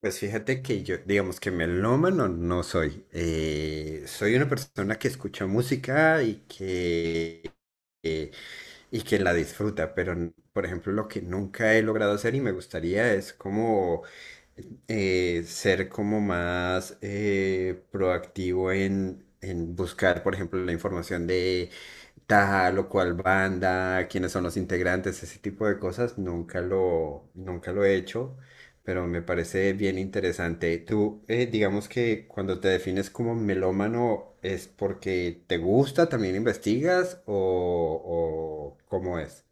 Pues fíjate que yo, digamos que melómano no soy. Soy una persona que escucha música y eh, que la disfruta, pero por ejemplo lo que nunca he logrado hacer y me gustaría es como ser como más proactivo en buscar, por ejemplo, la información de tal o cual banda, quiénes son los integrantes, ese tipo de cosas, nunca lo he hecho, pero me parece bien interesante. Tú, digamos que cuando te defines como melómano, ¿es porque te gusta, también investigas o cómo es?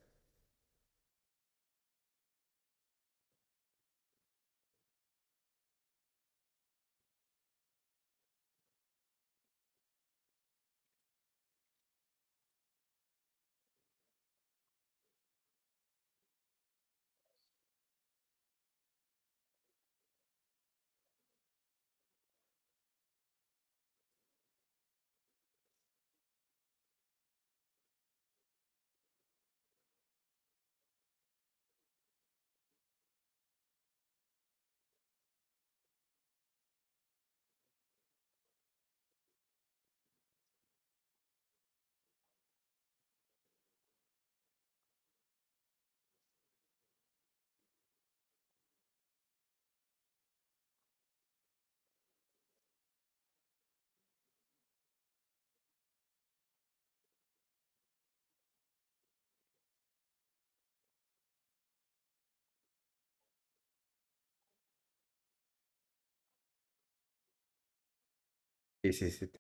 Sí, sí, sí.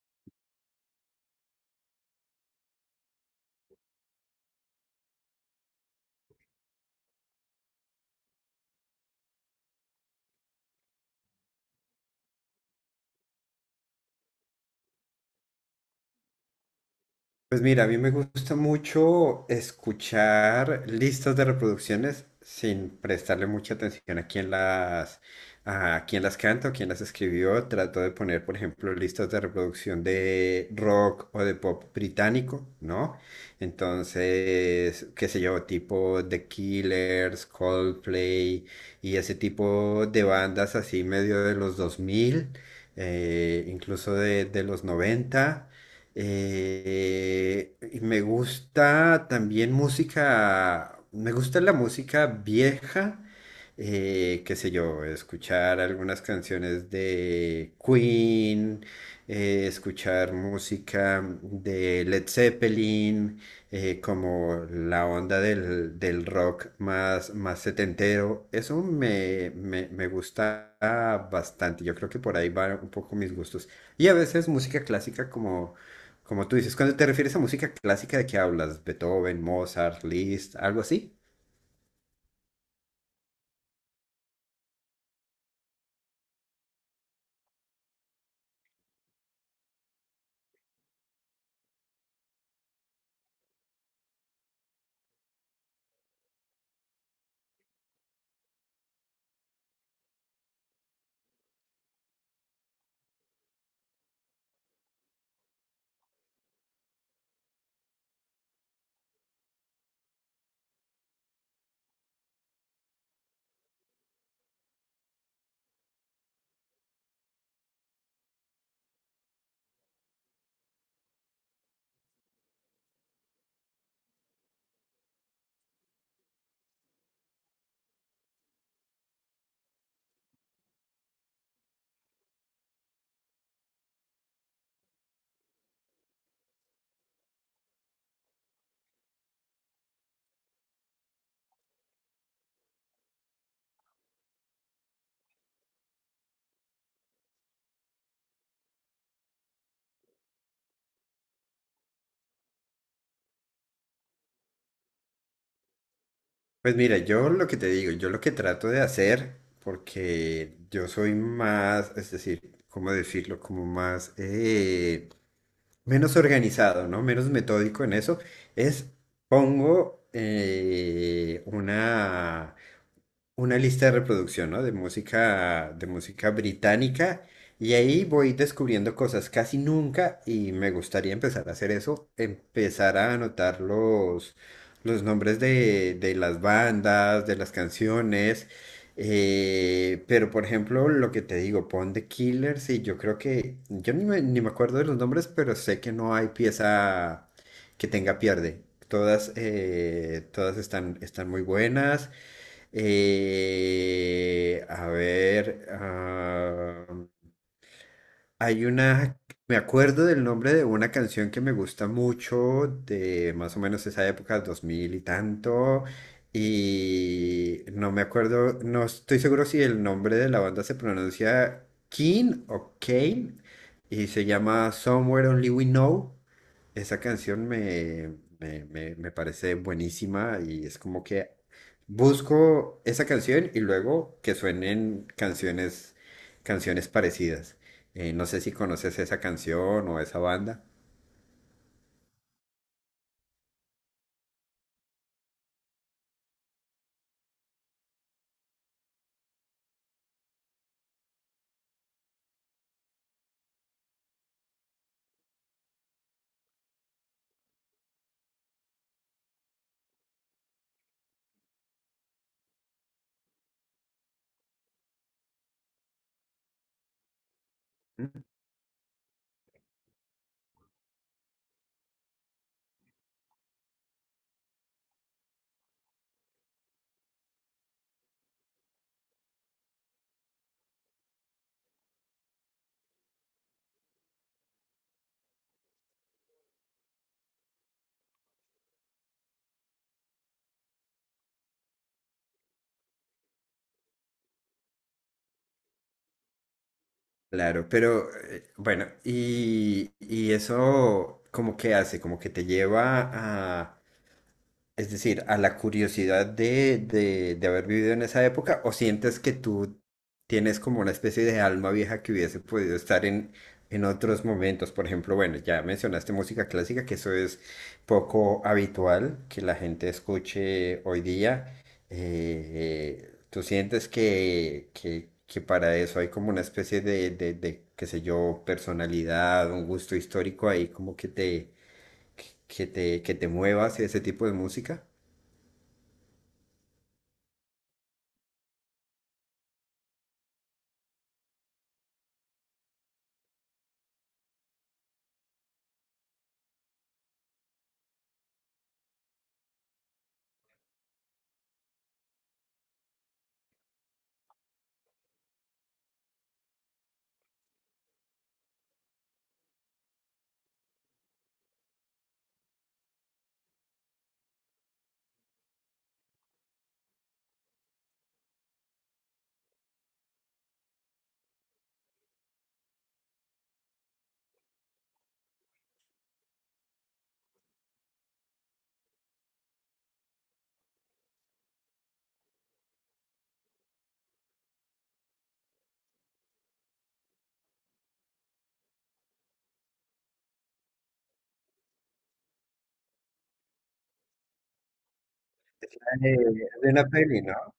Pues mira, a mí me gusta mucho escuchar listas de reproducciones sin prestarle mucha atención a a quién las canta o quién las escribió. Trato de poner, por ejemplo, listas de reproducción de rock o de pop británico, ¿no? Entonces, qué sé yo, tipo The Killers, Coldplay y ese tipo de bandas así medio de los 2000, incluso de los 90. Y me gusta también música, me gusta la música vieja, qué sé yo, escuchar algunas canciones de Queen, escuchar música de Led Zeppelin, como la onda del rock más setentero. Eso me gusta bastante. Yo creo que por ahí van un poco mis gustos. Y a veces música clásica como tú dices, cuando te refieres a música clásica, ¿de qué hablas? Beethoven, Mozart, Liszt, algo así. Pues mira, yo lo que te digo, yo lo que trato de hacer, porque yo soy más, es decir, ¿cómo decirlo? Como menos organizado, ¿no? Menos metódico en eso, es pongo eh, una, una lista de reproducción, ¿no? De música británica. Y ahí voy descubriendo cosas casi nunca y me gustaría empezar a hacer eso, empezar a anotar los nombres de las bandas, de las canciones. Pero por ejemplo, lo que te digo, pon The Killers y yo creo que, yo ni me, ni me acuerdo de los nombres, pero sé que no hay pieza que tenga pierde. Todas, todas están muy buenas. A ver, ah, hay una, Me acuerdo del nombre de una canción que me gusta mucho, de más o menos esa época, 2000 y tanto, y no me acuerdo, no estoy seguro si el nombre de la banda se pronuncia Keen o Kane, y se llama Somewhere Only We Know. Esa canción me parece buenísima y es como que busco esa canción y luego que suenen canciones parecidas. No sé si conoces esa canción o esa banda. Claro, pero bueno, y eso como que hace, como que te lleva es decir, a la curiosidad de haber vivido en esa época, o sientes que tú tienes como una especie de alma vieja que hubiese podido estar en otros momentos. Por ejemplo, bueno, ya mencionaste música clásica, que eso es poco habitual que la gente escuche hoy día. ¿Tú sientes que para eso hay como una especie qué sé yo, personalidad, un gusto histórico ahí como que que te muevas y ese tipo de música? Eh, de una peli, ¿no?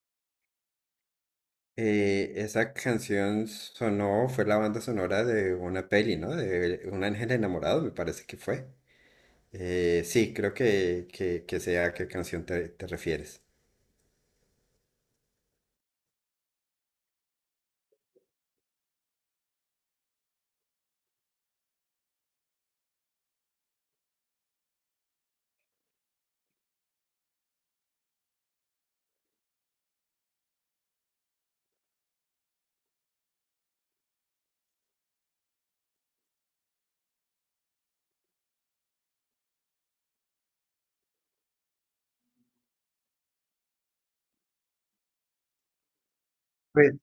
Esa canción sonó, fue la banda sonora de una peli, ¿no? De Un ángel enamorado, me parece que fue. Sí, creo que sé a qué canción te refieres. Pues,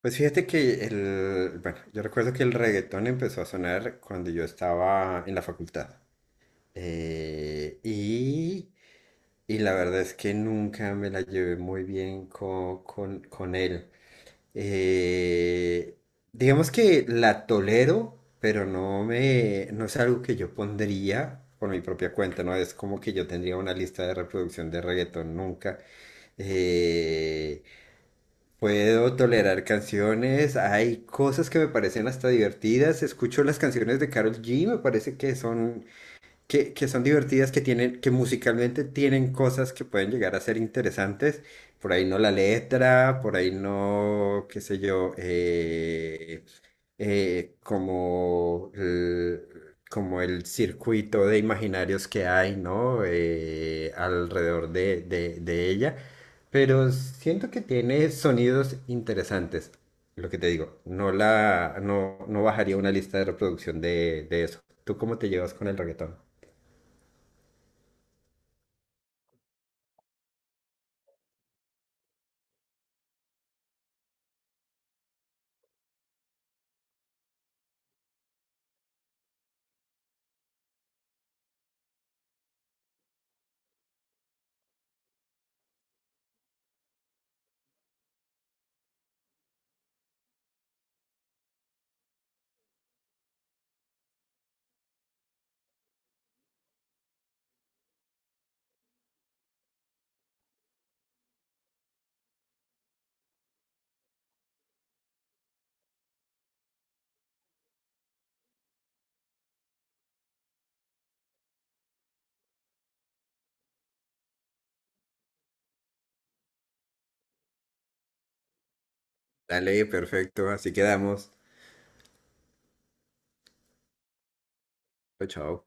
pues fíjate que el, bueno, yo recuerdo que el reggaetón empezó a sonar cuando yo estaba en la facultad. Eh, y, y la verdad es que nunca me la llevé muy bien con él. Eh, digamos que la tolero, pero no me, no es algo que yo pondría por mi propia cuenta, no es como que yo tendría una lista de reproducción de reggaetón nunca. Eh, Puedo tolerar canciones, hay cosas que me parecen hasta divertidas, escucho las canciones de Karol G, me parece que que son divertidas, que tienen, que musicalmente tienen cosas que pueden llegar a ser interesantes. Por ahí no la letra, por ahí no, qué sé yo, eh, como el, como el circuito de imaginarios que hay, ¿no? Alrededor de ella. Pero siento que tiene sonidos interesantes. Lo que te digo, no la, no, no bajaría una lista de reproducción de eso. ¿Tú cómo te llevas con el reggaetón? Dale, perfecto. Así quedamos. Chao, chao.